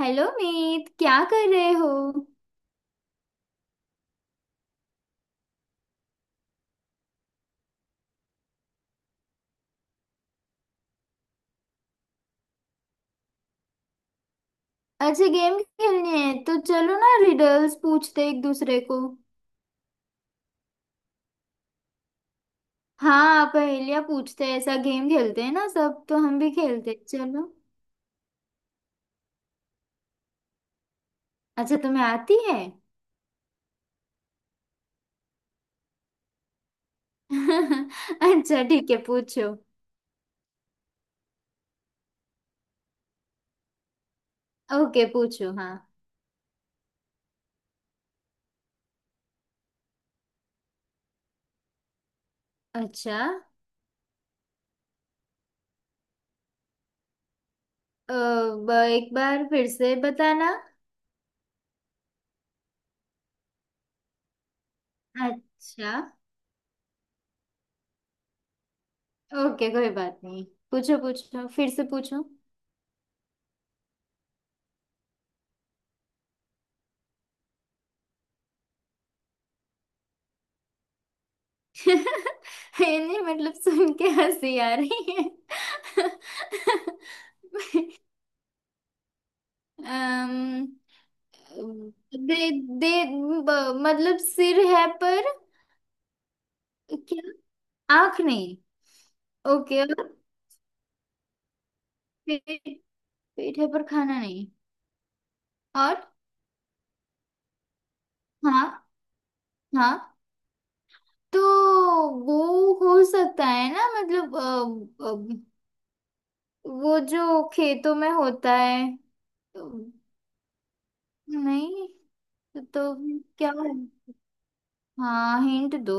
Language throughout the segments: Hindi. हेलो मीत, क्या कर रहे हो। अच्छा, गेम खेलनी है तो चलो ना, रिडल्स पूछते हैं एक दूसरे को। हाँ, पहेलियाँ पूछते हैं, ऐसा गेम खेलते हैं ना सब, तो हम भी खेलते हैं, चलो। अच्छा, तुम्हें आती है? अच्छा, ठीक है, पूछो। ओके, पूछो हाँ। अच्छा। एक बार फिर से बताना। अच्छा, ओके, कोई बात नहीं। पूछो पूछो, फिर से पूछो। ये नहीं, मतलब सुन के हंसी आ रही है। अम्म, दे दे। ब- मतलब सिर है पर? क्या? आंख नहीं? ओके, और? पेट पेट है पर खाना नहीं? और? हाँ। हाँ तो वो हो सकता है ना, मतलब वो जो खेतों में होता है। तो, नहीं। तो क्या है? हाँ, हिंट दो।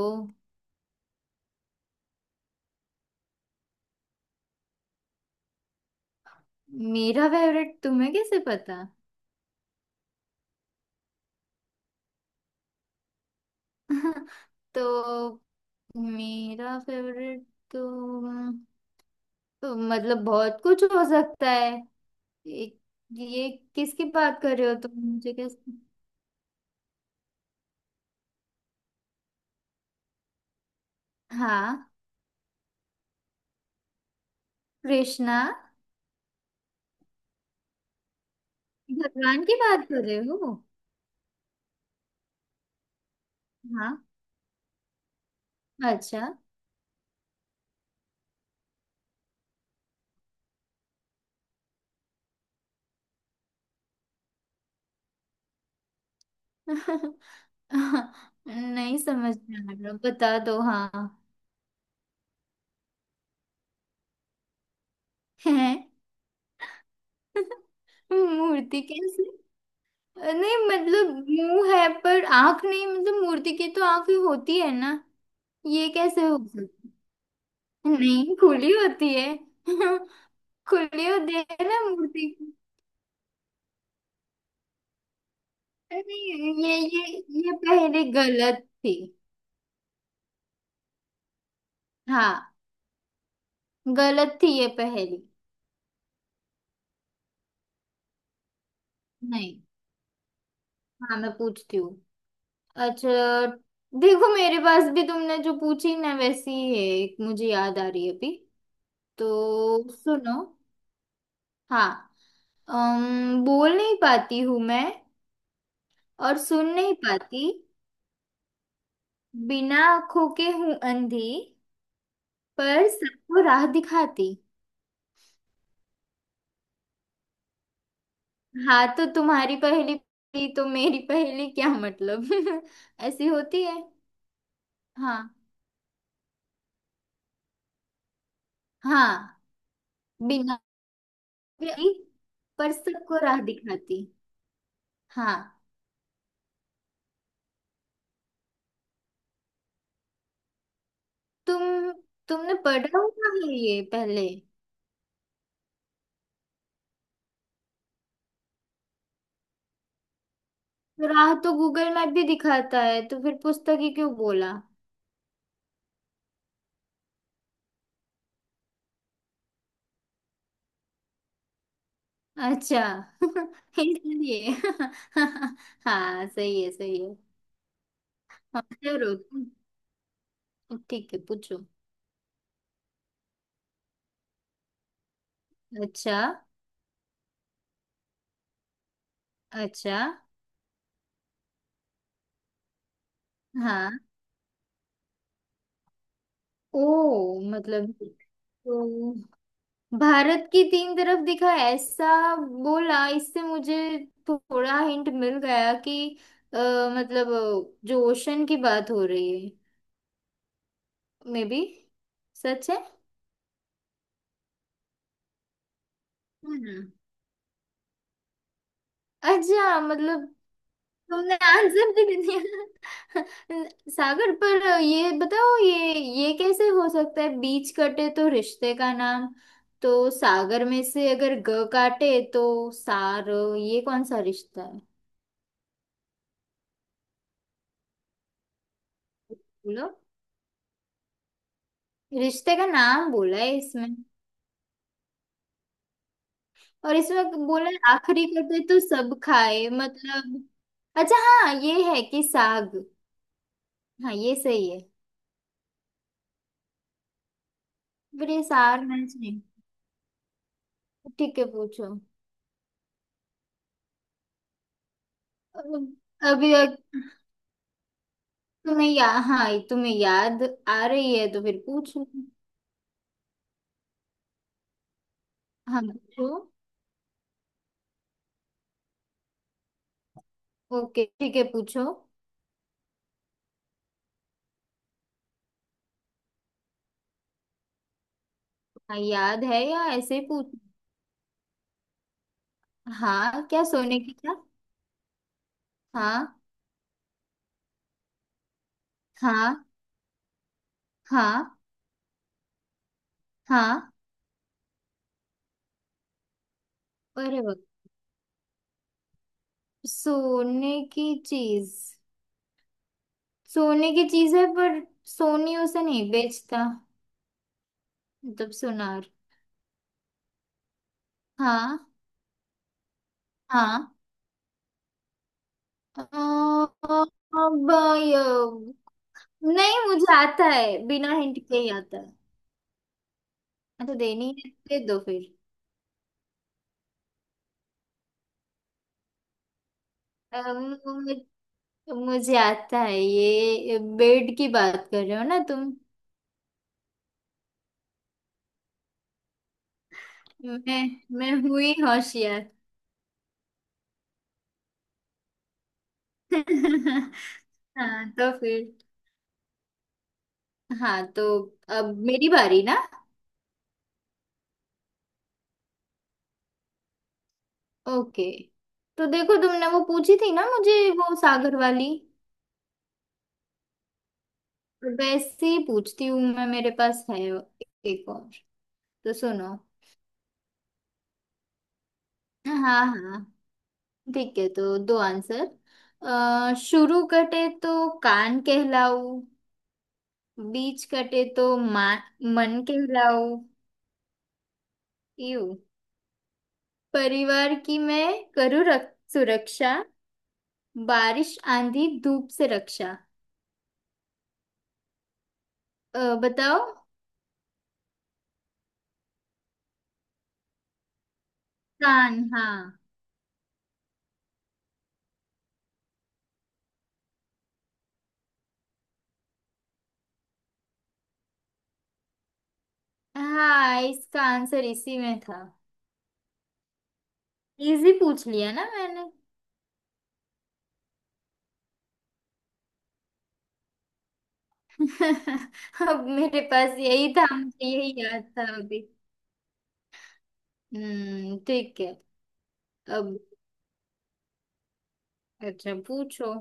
मेरा फेवरेट तुम्हें कैसे पता? तो मेरा फेवरेट। तो, अम, तो मतलब बहुत कुछ हो सकता है। एक ये, किसकी बात कर रहे हो तुम, मुझे कैसे। हाँ, कृष्णा। भगवान की बात कर रहे हो? हाँ। अच्छा। नहीं समझ में आ रहा, बता दो हाँ। है? मूर्ति कैसे? नहीं मतलब, मुंह है पर आंख नहीं, मतलब मूर्ति की तो आंख ही होती है ना। ये कैसे हो सकता। नहीं, खुली होती है। खुली होती है ना मूर्ति की। नहीं, ये ये, ये पहेली गलत थी। हाँ, गलत थी ये पहेली। नहीं। हाँ, मैं पूछती हूँ। अच्छा, देखो मेरे पास भी, तुमने जो पूछी ना वैसी ही है, एक मुझे याद आ रही है अभी। तो सुनो। हाँ। बोल नहीं पाती हूँ मैं, और सुन नहीं पाती। बिना आंखों के हूं अंधी, पर सबको राह दिखाती। हाँ तो तुम्हारी पहेली पहेली तो मेरी पहेली क्या मतलब। ऐसी होती है। हाँ हाँ। बिना पहेली। पर सबको राह दिखाती। हाँ। तुम, तुमने पढ़ा हुआ है ये पहले? तो राह तो गूगल मैप भी दिखाता है, तो फिर पुस्तक ही क्यों बोला? अच्छा। इसलिए। हाँ, सही है सही है। हाँ, जरूर ठीक है, पूछो। अच्छा। अच्छा। हाँ। ओ मतलब, तो भारत की तीन तरफ दिखा ऐसा बोला, इससे मुझे थोड़ा हिंट मिल गया कि अ, मतलब जो ओशन की बात हो रही है। May be. सच है। हम्म। अच्छा मतलब, तुमने आंसर भी दे दिया। सागर, पर ये बताओ ये कैसे हो सकता है, बीच कटे तो रिश्ते का नाम, तो सागर में से अगर ग काटे तो सार, ये कौन सा रिश्ता है? बोलो। रिश्ते का नाम बोला है इसमें। और इसमें बोला है आखिरी कटे तो सब खाए, मतलब। अच्छा, हाँ, ये है कि साग। हाँ, ये सही है। पर ये सार मैच नहीं। ठीक है, पूछो। अब-, अभी तुम्हें या, हाँ तुम्हें याद आ रही है तो फिर पूछो। हाँ पूछो। ओके ठीक है पूछो। हाँ, याद है या ऐसे ही पूछ। हाँ, क्या सोने की क्या? हाँ। हाँ। हाँ। हाँ। अरे वाह। सोने की चीज। सोने की चीज है पर सोनी उसे नहीं बेचता, मतलब सुनार। हाँ। हाँ। अब, ये-, नहीं मुझे आता है, बिना हिंट के ही आता है। हाँ, तो देनी है दे दो फिर। अम, मुझे आता है, ये बेड की बात कर रहे हो ना तुम। मैं मैं हुई होशियार। हाँ तो फिर। हाँ तो अब मेरी बारी ना। ओके। तो देखो, तुमने वो पूछी थी ना मुझे, वो सागर वाली, वैसे ही पूछती हूँ मैं, मेरे पास है एक और। तो सुनो। हाँ हाँ। ठीक है, तो दो आंसर। शुरू कटे तो कान कहलाऊ, बीच कटे तो मन कहलाऊ, यू परिवार की मैं करूँ सुरक्षा, बारिश आंधी धूप से रक्षा। बताओ। कान? हाँ। हाँ, इसका आंसर इसी में था। इजी पूछ लिया ना मैंने। अब मेरे पास यही था, मुझे यही याद था अभी। हम्म, ठीक है। अब, अच्छा पूछो।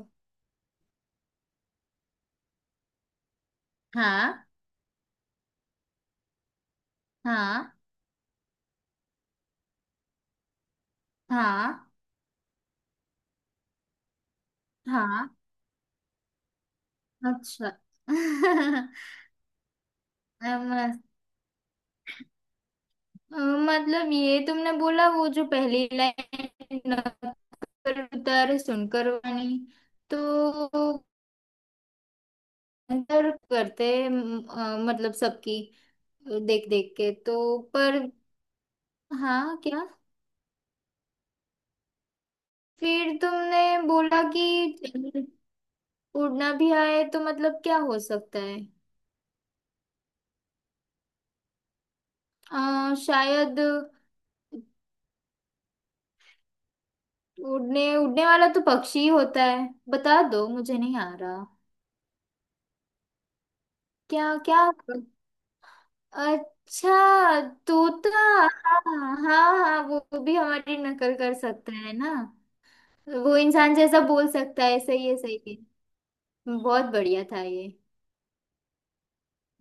हाँ। हाँ। हाँ। हाँ। अच्छा। मतलब ये तुमने बोला वो जो पहली लाइन, नक्कर उतारे सुनकर वाणी, तो अंतर करते मतलब सबकी देख देख के तो। पर। हाँ क्या। फिर तुमने बोला कि उड़ना भी आए तो मतलब क्या हो सकता है। शायद उड़ने उड़ने वाला तो पक्षी ही होता है। बता दो, मुझे नहीं आ रहा। क्या? क्या? अच्छा, तोता। हाँ हाँ हाँ, वो भी हमारी नकल कर सकता है ना, वो इंसान जैसा बोल सकता है। सही है, सही है। बहुत बढ़िया था ये।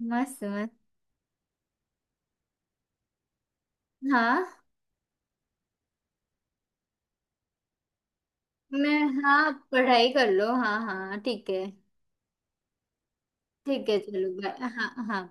मस्त मस्त। हाँ। मैं, हाँ पढ़ाई कर लो। हाँ हाँ ठीक है। ठीक है, चलो बाय। हाँ हाँ।